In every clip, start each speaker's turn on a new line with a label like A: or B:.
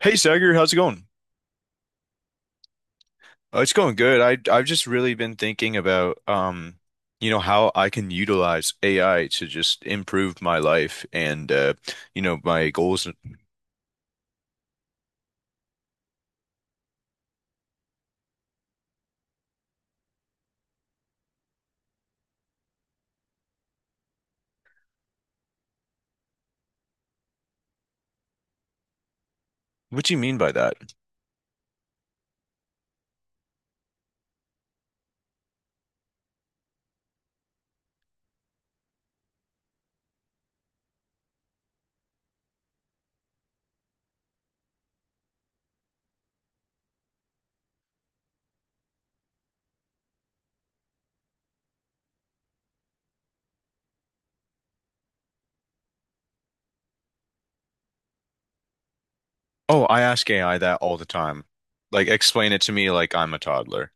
A: Hey Sagar, how's it going? Oh, it's going good. I've just really been thinking about you know, how I can utilize AI to just improve my life and my goals. What do you mean by that? Oh, I ask AI that all the time. Like explain it to me like I'm a toddler.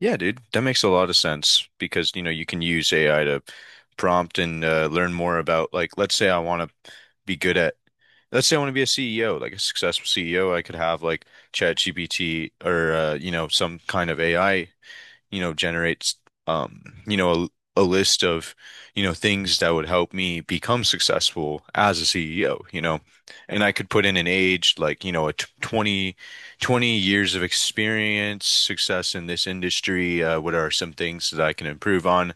A: Yeah, dude, that makes a lot of sense because you know, you can use AI to prompt and learn more about, like, let's say I want to be good at let's say I want to be a CEO, like a successful CEO. I could have like ChatGPT or you know, some kind of AI, you know, generates you know, a list of, you know, things that would help me become successful as a CEO, you know, and I could put in an age, like, you know, 20 years of experience, success in this industry. What are some things that I can improve on?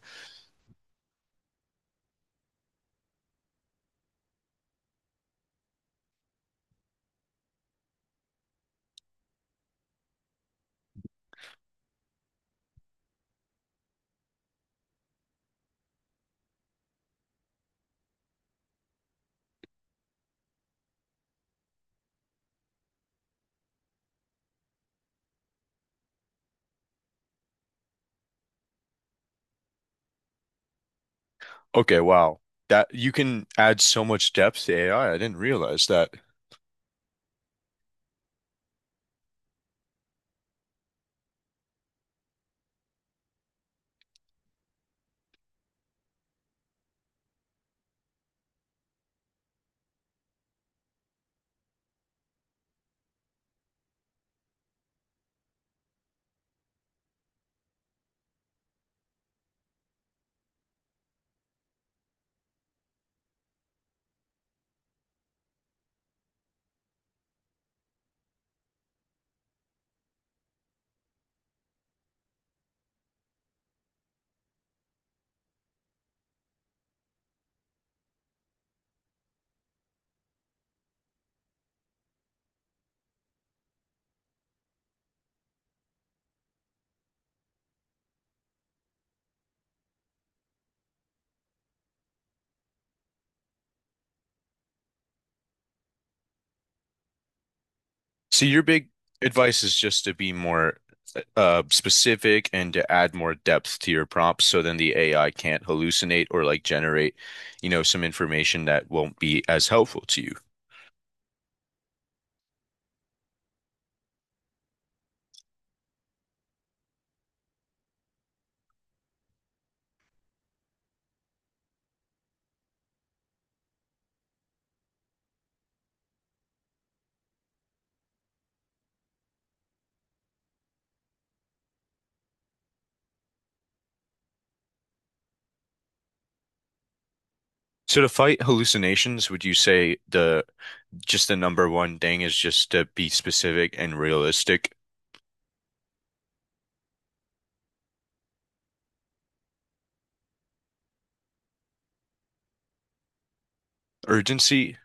A: Okay, wow. That you can add so much depth to AI. I didn't realize that. So your big advice is just to be more specific and to add more depth to your prompts so then the AI can't hallucinate or like generate, you know, some information that won't be as helpful to you. So to fight hallucinations, would you say the just the number one thing is just to be specific and realistic? Urgency?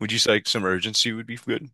A: Would you say like some urgency would be good?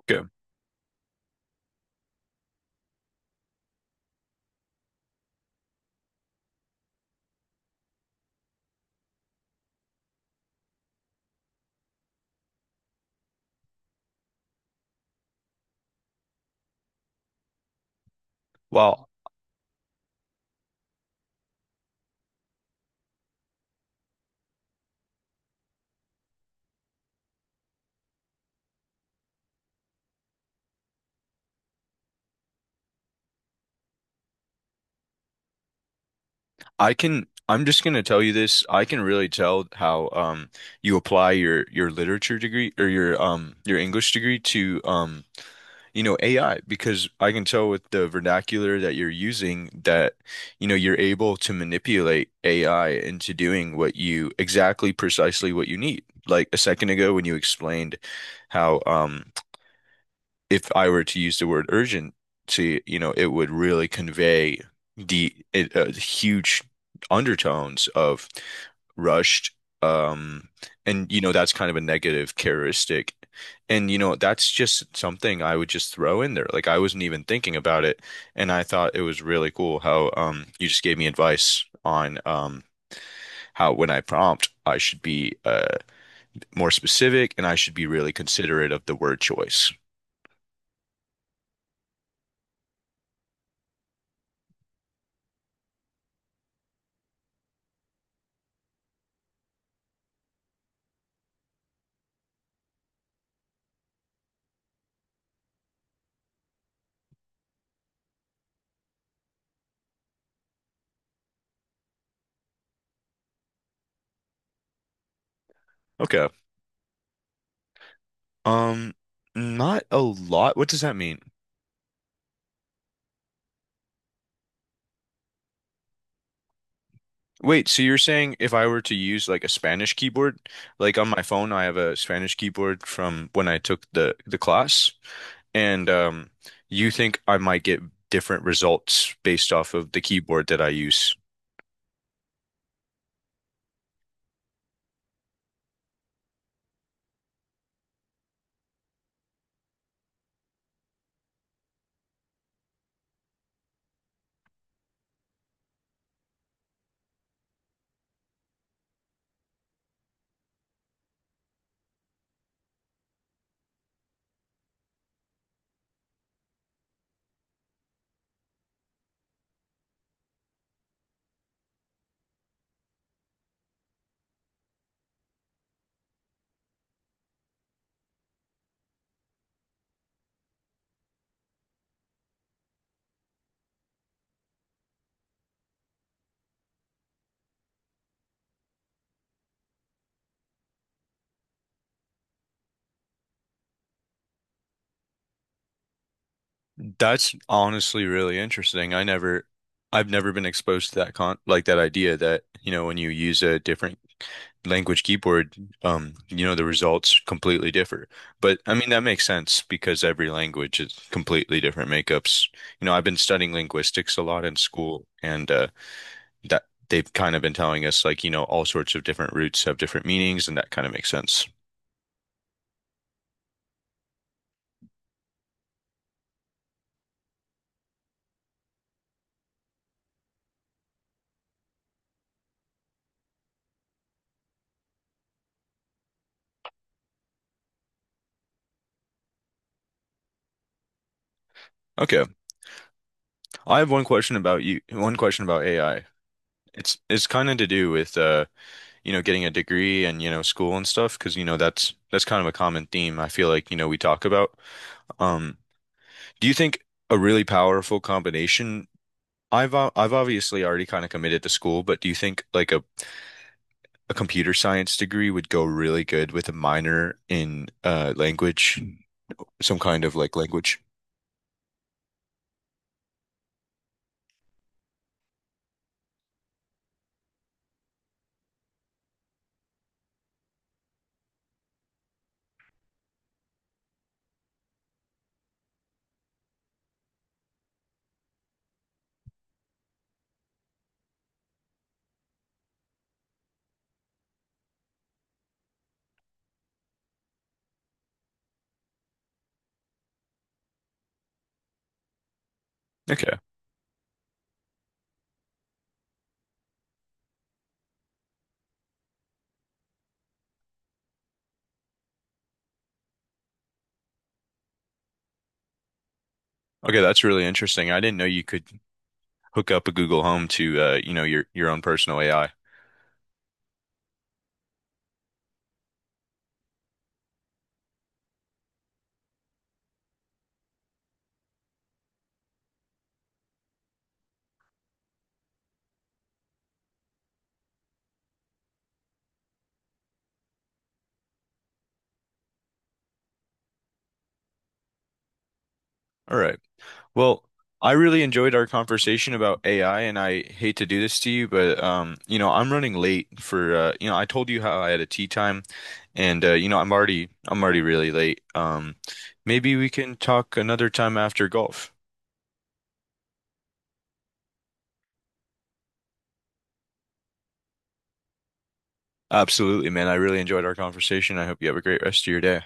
A: Okay. Well. I can, I'm just gonna tell you this. I can really tell how you apply your literature degree or your English degree to you know, AI, because I can tell with the vernacular that you're using that you know you're able to manipulate AI into doing what you exactly precisely what you need. Like a second ago when you explained how if I were to use the word urgency, you know, it would really convey the huge undertones of rushed. Um, and you know, that's kind of a negative characteristic. And you know, that's just something I would just throw in there. Like I wasn't even thinking about it, and I thought it was really cool how you just gave me advice on how when I prompt I should be more specific, and I should be really considerate of the word choice. Okay. Um, Not a lot. What does that mean? Wait, so you're saying if I were to use like a Spanish keyboard, like on my phone, I have a Spanish keyboard from when I took the class, and you think I might get different results based off of the keyboard that I use? That's honestly really interesting. I've never been exposed to that con like that idea that, you know, when you use a different language keyboard, you know, the results completely differ. But I mean, that makes sense because every language is completely different makeups. You know, I've been studying linguistics a lot in school and that they've kind of been telling us, like, you know, all sorts of different roots have different meanings, and that kind of makes sense. Okay. I have one question about you, one question about AI. It's kind of to do with you know, getting a degree and, you know, school and stuff, because, you know, that's kind of a common theme I feel like, you know, we talk about. Um, Do you think a really powerful combination? I've obviously already kind of committed to school, but do you think like a computer science degree would go really good with a minor in language, some kind of like language? Okay. Okay, that's really interesting. I didn't know you could hook up a Google Home to you know, your own personal AI. All right. Well, I really enjoyed our conversation about AI, and I hate to do this to you, but you know, I'm running late for you know, I told you how I had a tea time, and you know, I'm already really late. Maybe we can talk another time after golf. Absolutely, man. I really enjoyed our conversation. I hope you have a great rest of your day.